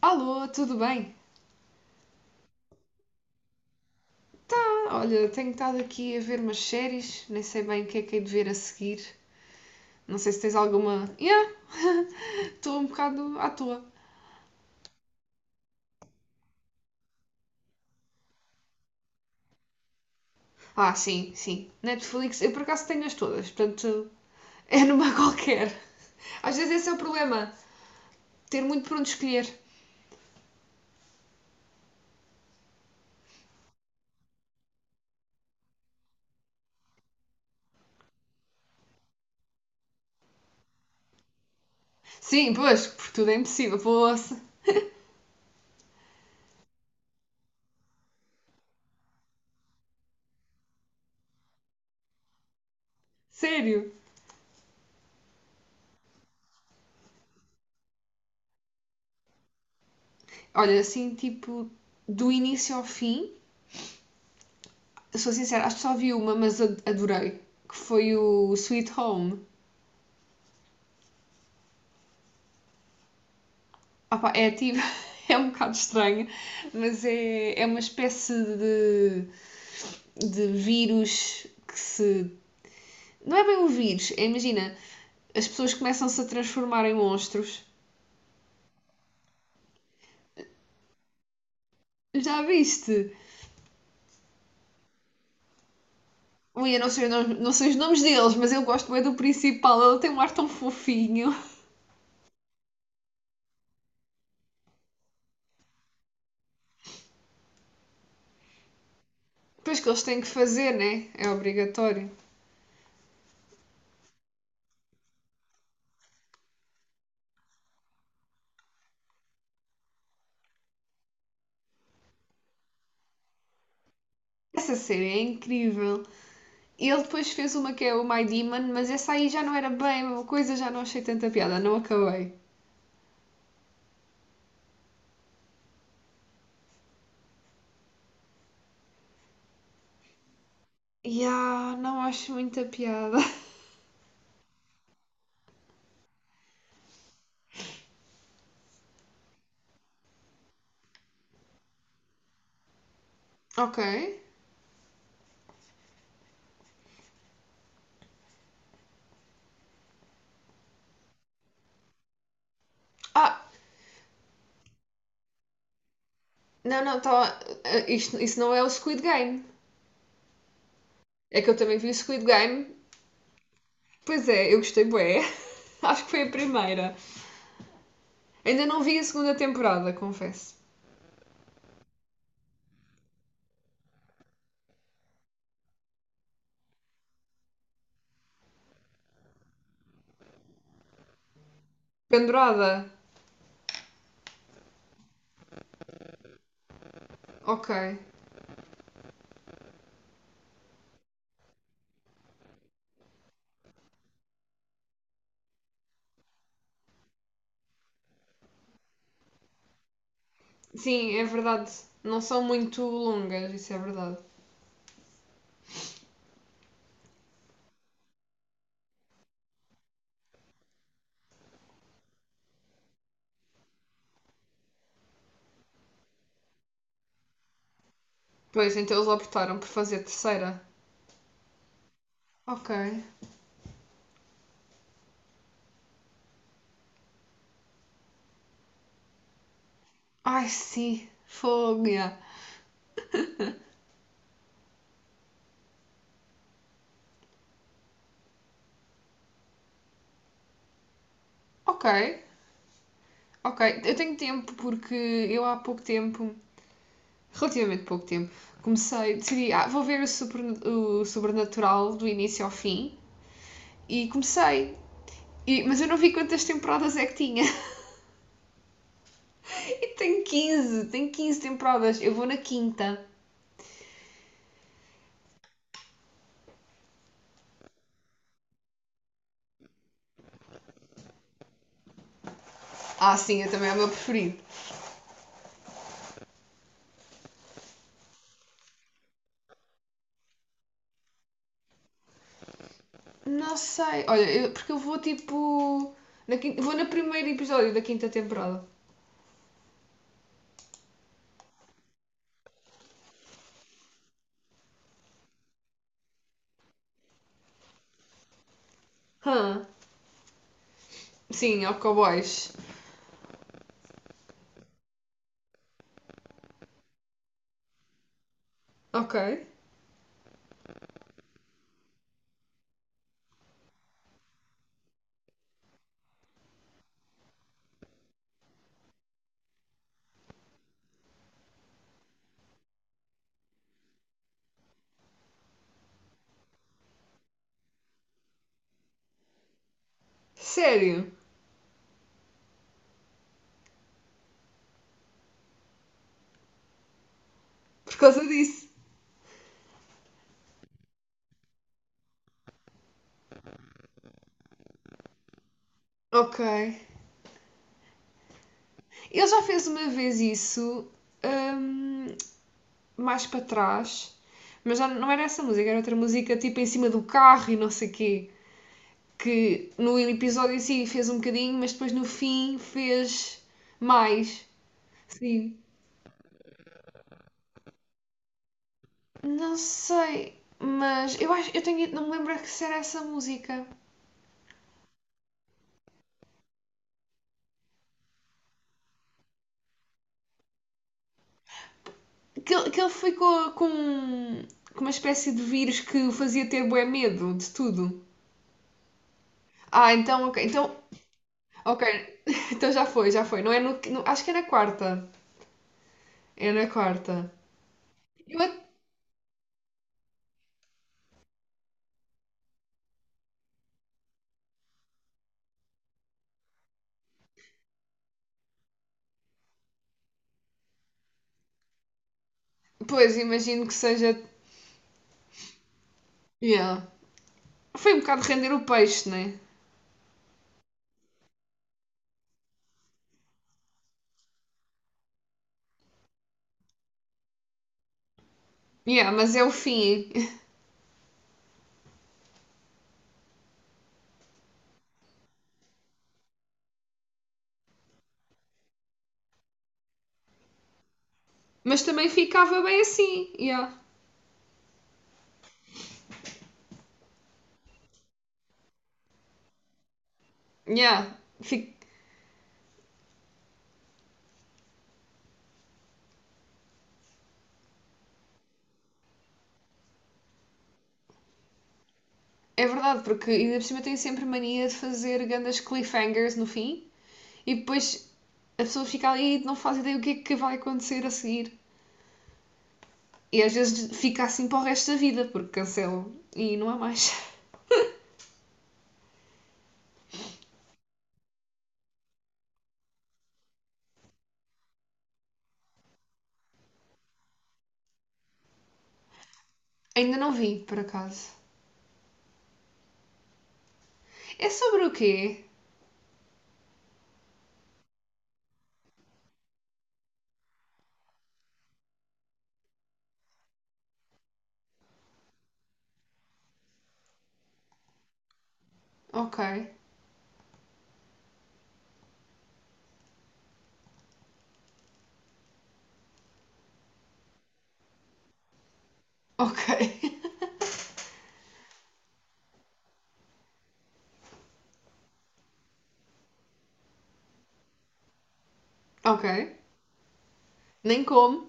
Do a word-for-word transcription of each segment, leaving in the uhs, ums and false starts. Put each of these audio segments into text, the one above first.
Alô, tudo bem? Ah, olha, tenho estado aqui a ver umas séries, nem sei bem o que é que hei de ver a seguir. Não sei se tens alguma. Yeah, estou um bocado à toa. Ah, sim, sim. Netflix, eu por acaso tenho as todas, portanto é numa qualquer. Às vezes esse é o problema, ter muito por onde escolher. Sim, pois, porque tudo é impossível, poça. Sério. Olha, assim, tipo, do início ao fim, sou sincera, acho que só vi uma, mas adorei, que foi o Sweet Home. Opa, é ativo, é um bocado estranho, mas é, é uma espécie de, de vírus que se. Não é bem um vírus, é, imagina, as pessoas começam-se a transformar em monstros. Já viste? Ui, eu não sei, os nomes- não sei os nomes deles, mas eu gosto bem do principal, ele tem um ar tão fofinho. Depois que eles têm que fazer, né? É obrigatório. Essa série é incrível. Ele depois fez uma que é o My Demon, mas essa aí já não era bem a mesma coisa, já não achei tanta piada, não acabei. Ya, não acho muita piada. Ok. Ah, não, não, tá, ah, isto, isso não é o Squid Game. É que eu também vi o Squid Game. Pois é, eu gostei bué. Acho que foi a primeira. Ainda não vi a segunda temporada, confesso. Pendurada? Ok. Sim, é verdade. Não são muito longas, isso é verdade. Pois, então eles optaram por fazer terceira. Ok. Ai, sim. Fogo, ya. Ok. Ok, eu tenho tempo porque eu há pouco tempo relativamente pouco tempo, comecei, decidi, ah, vou ver o, super, o Sobrenatural do início ao fim e comecei. E- mas eu não vi quantas temporadas é que tinha. E tem quinze tem quinze temporadas. Eu vou na quinta. Ah, sim, eu também é o meu preferido. Não sei, olha, eu- porque eu vou tipo. Na quinta- vou no primeiro episódio da quinta temporada. Hã? Huh. Sim, ao Cowboys. Ok. Sério? Por causa disso. Ok. Ele já fez uma vez isso hum, mais para trás, mas já não era essa música, era outra música tipo em cima do carro e não sei o quê, que no episódio em si fez um bocadinho, mas depois no fim fez mais. Sim. Não sei, mas eu acho, eu tenho, não me lembro que se era essa música. Que, ele- que ele ficou com, com uma espécie de vírus que o fazia ter bué medo de tudo. Ah, então, ok, então, ok, então já foi, já foi. Não é no, no- acho que é na quarta. É na quarta. Eu, a- Pois, imagino que seja. Yeah. Foi um bocado render o peixe, né? Yeah, mas é o fim. Mas também ficava bem assim. Yeah. Yeah. Fi- É verdade, porque ainda por cima tem sempre mania de fazer grandes cliffhangers no fim e depois a pessoa fica ali e não faz ideia o que é que vai acontecer a seguir. E às vezes fica assim para o resto da vida, porque cancelam e não há mais. Ainda não vi, por acaso. É sobre o quê? Ok. Ok. Ok. Nem como.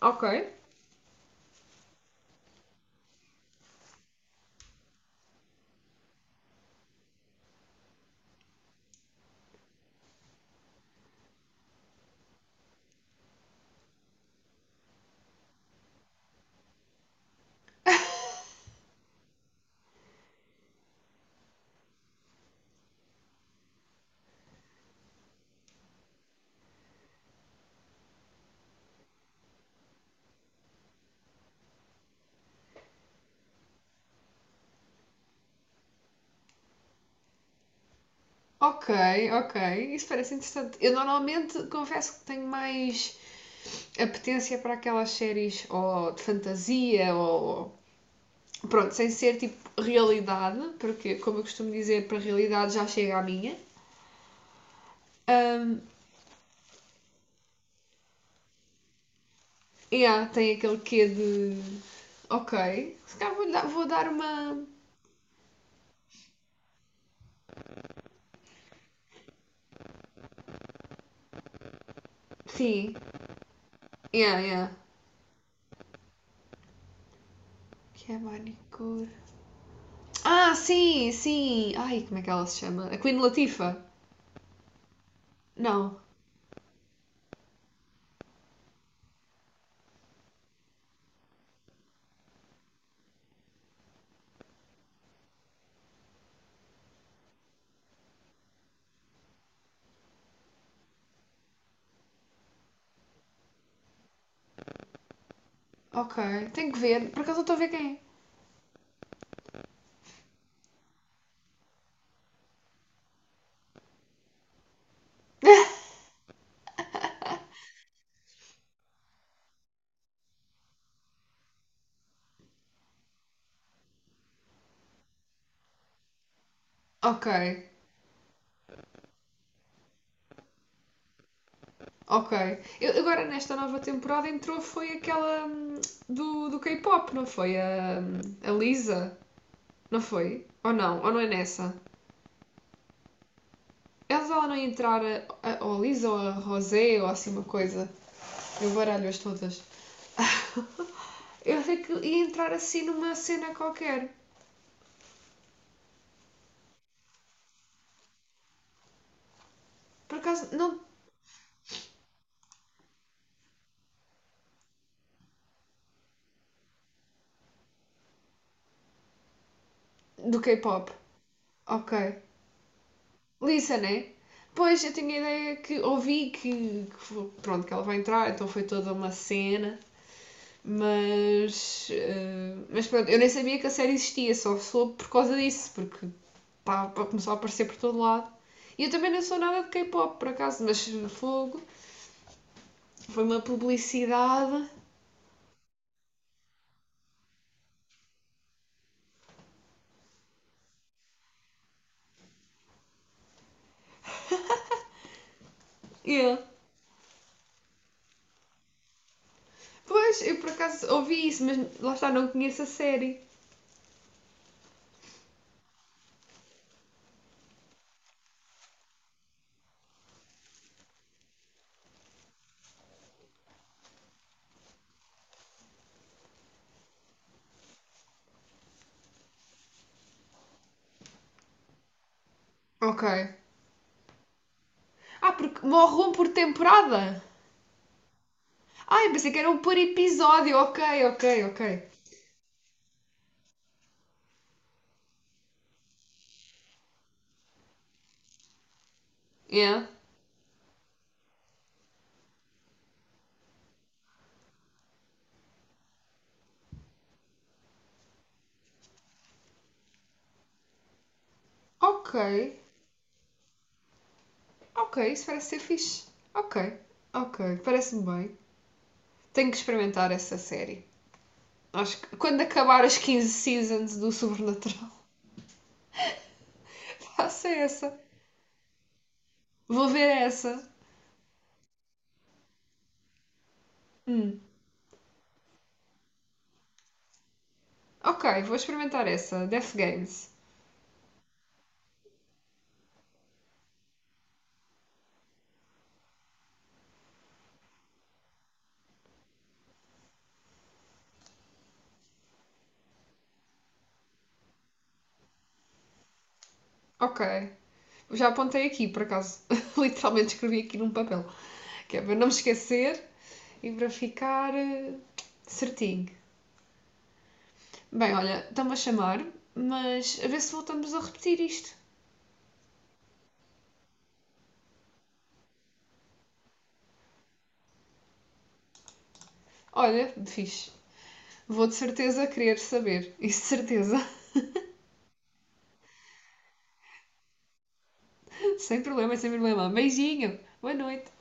Ok. Ok, ok. Isso parece interessante. Eu normalmente confesso que tenho mais apetência para aquelas séries ou de fantasia ou. Pronto, sem ser tipo realidade, porque, como eu costumo dizer, para a realidade já chega à minha. Ahm, yeah, tem aquele quê de. Ok. Se calhar vou, dar- vou dar uma. Sim. Yeah, yeah. Que é manicure. Ah, sim, sim. Ai, como é que ela se chama? A Queen Latifa? Não. Ok. Tenho que ver. Por acaso eu estou a ver quem é. Ok, ok. Eu- agora nesta nova temporada entrou foi aquela hum, do, do K-pop, não foi? A, a Lisa, não foi? Ou não? Ou não é nessa? Elas ela não ia entrar a, a, ou a Lisa ou a Rosé ou assim uma coisa. Eu baralho-as todas. Eu sei que ia entrar assim numa cena qualquer. Por acaso, não. Do K-pop. Ok. Lisa, né? Pois, eu tinha a ideia que ouvi que, que fo- pronto, que ela vai entrar, então foi toda uma cena. Mas, eh, mas pronto, eu nem sabia que a série existia, só soube por causa disso, porque pá, pá, começou a aparecer por todo lado. E eu também não sou nada de K-pop, por acaso, mas fogo, foi uma publicidade. Yeah. Pois, eu por acaso ouvi isso, mas lá está, não conheço a série. Ok. Ah, porque morre um por temporada? Ah, eu pensei que era um por episódio. Ok, ok, ok. Yeah. Ok, ok, isso parece ser fixe. Ok, ok, parece-me bem. Tenho que experimentar essa série. Acho que quando acabar as quinze seasons do Sobrenatural, faço essa. Vou ver essa. Hum. Ok, vou experimentar essa. Death Games. Ok. Já apontei aqui, por acaso. Literalmente escrevi aqui num papel. Que é para não me esquecer e para ficar eh, certinho. Bem, olha, estão-me a chamar, mas a ver se voltamos a repetir isto. Olha, fixe. Vou de certeza querer saber. Isso de certeza. Sem problema, sem problema. Beijinho. Boa noite.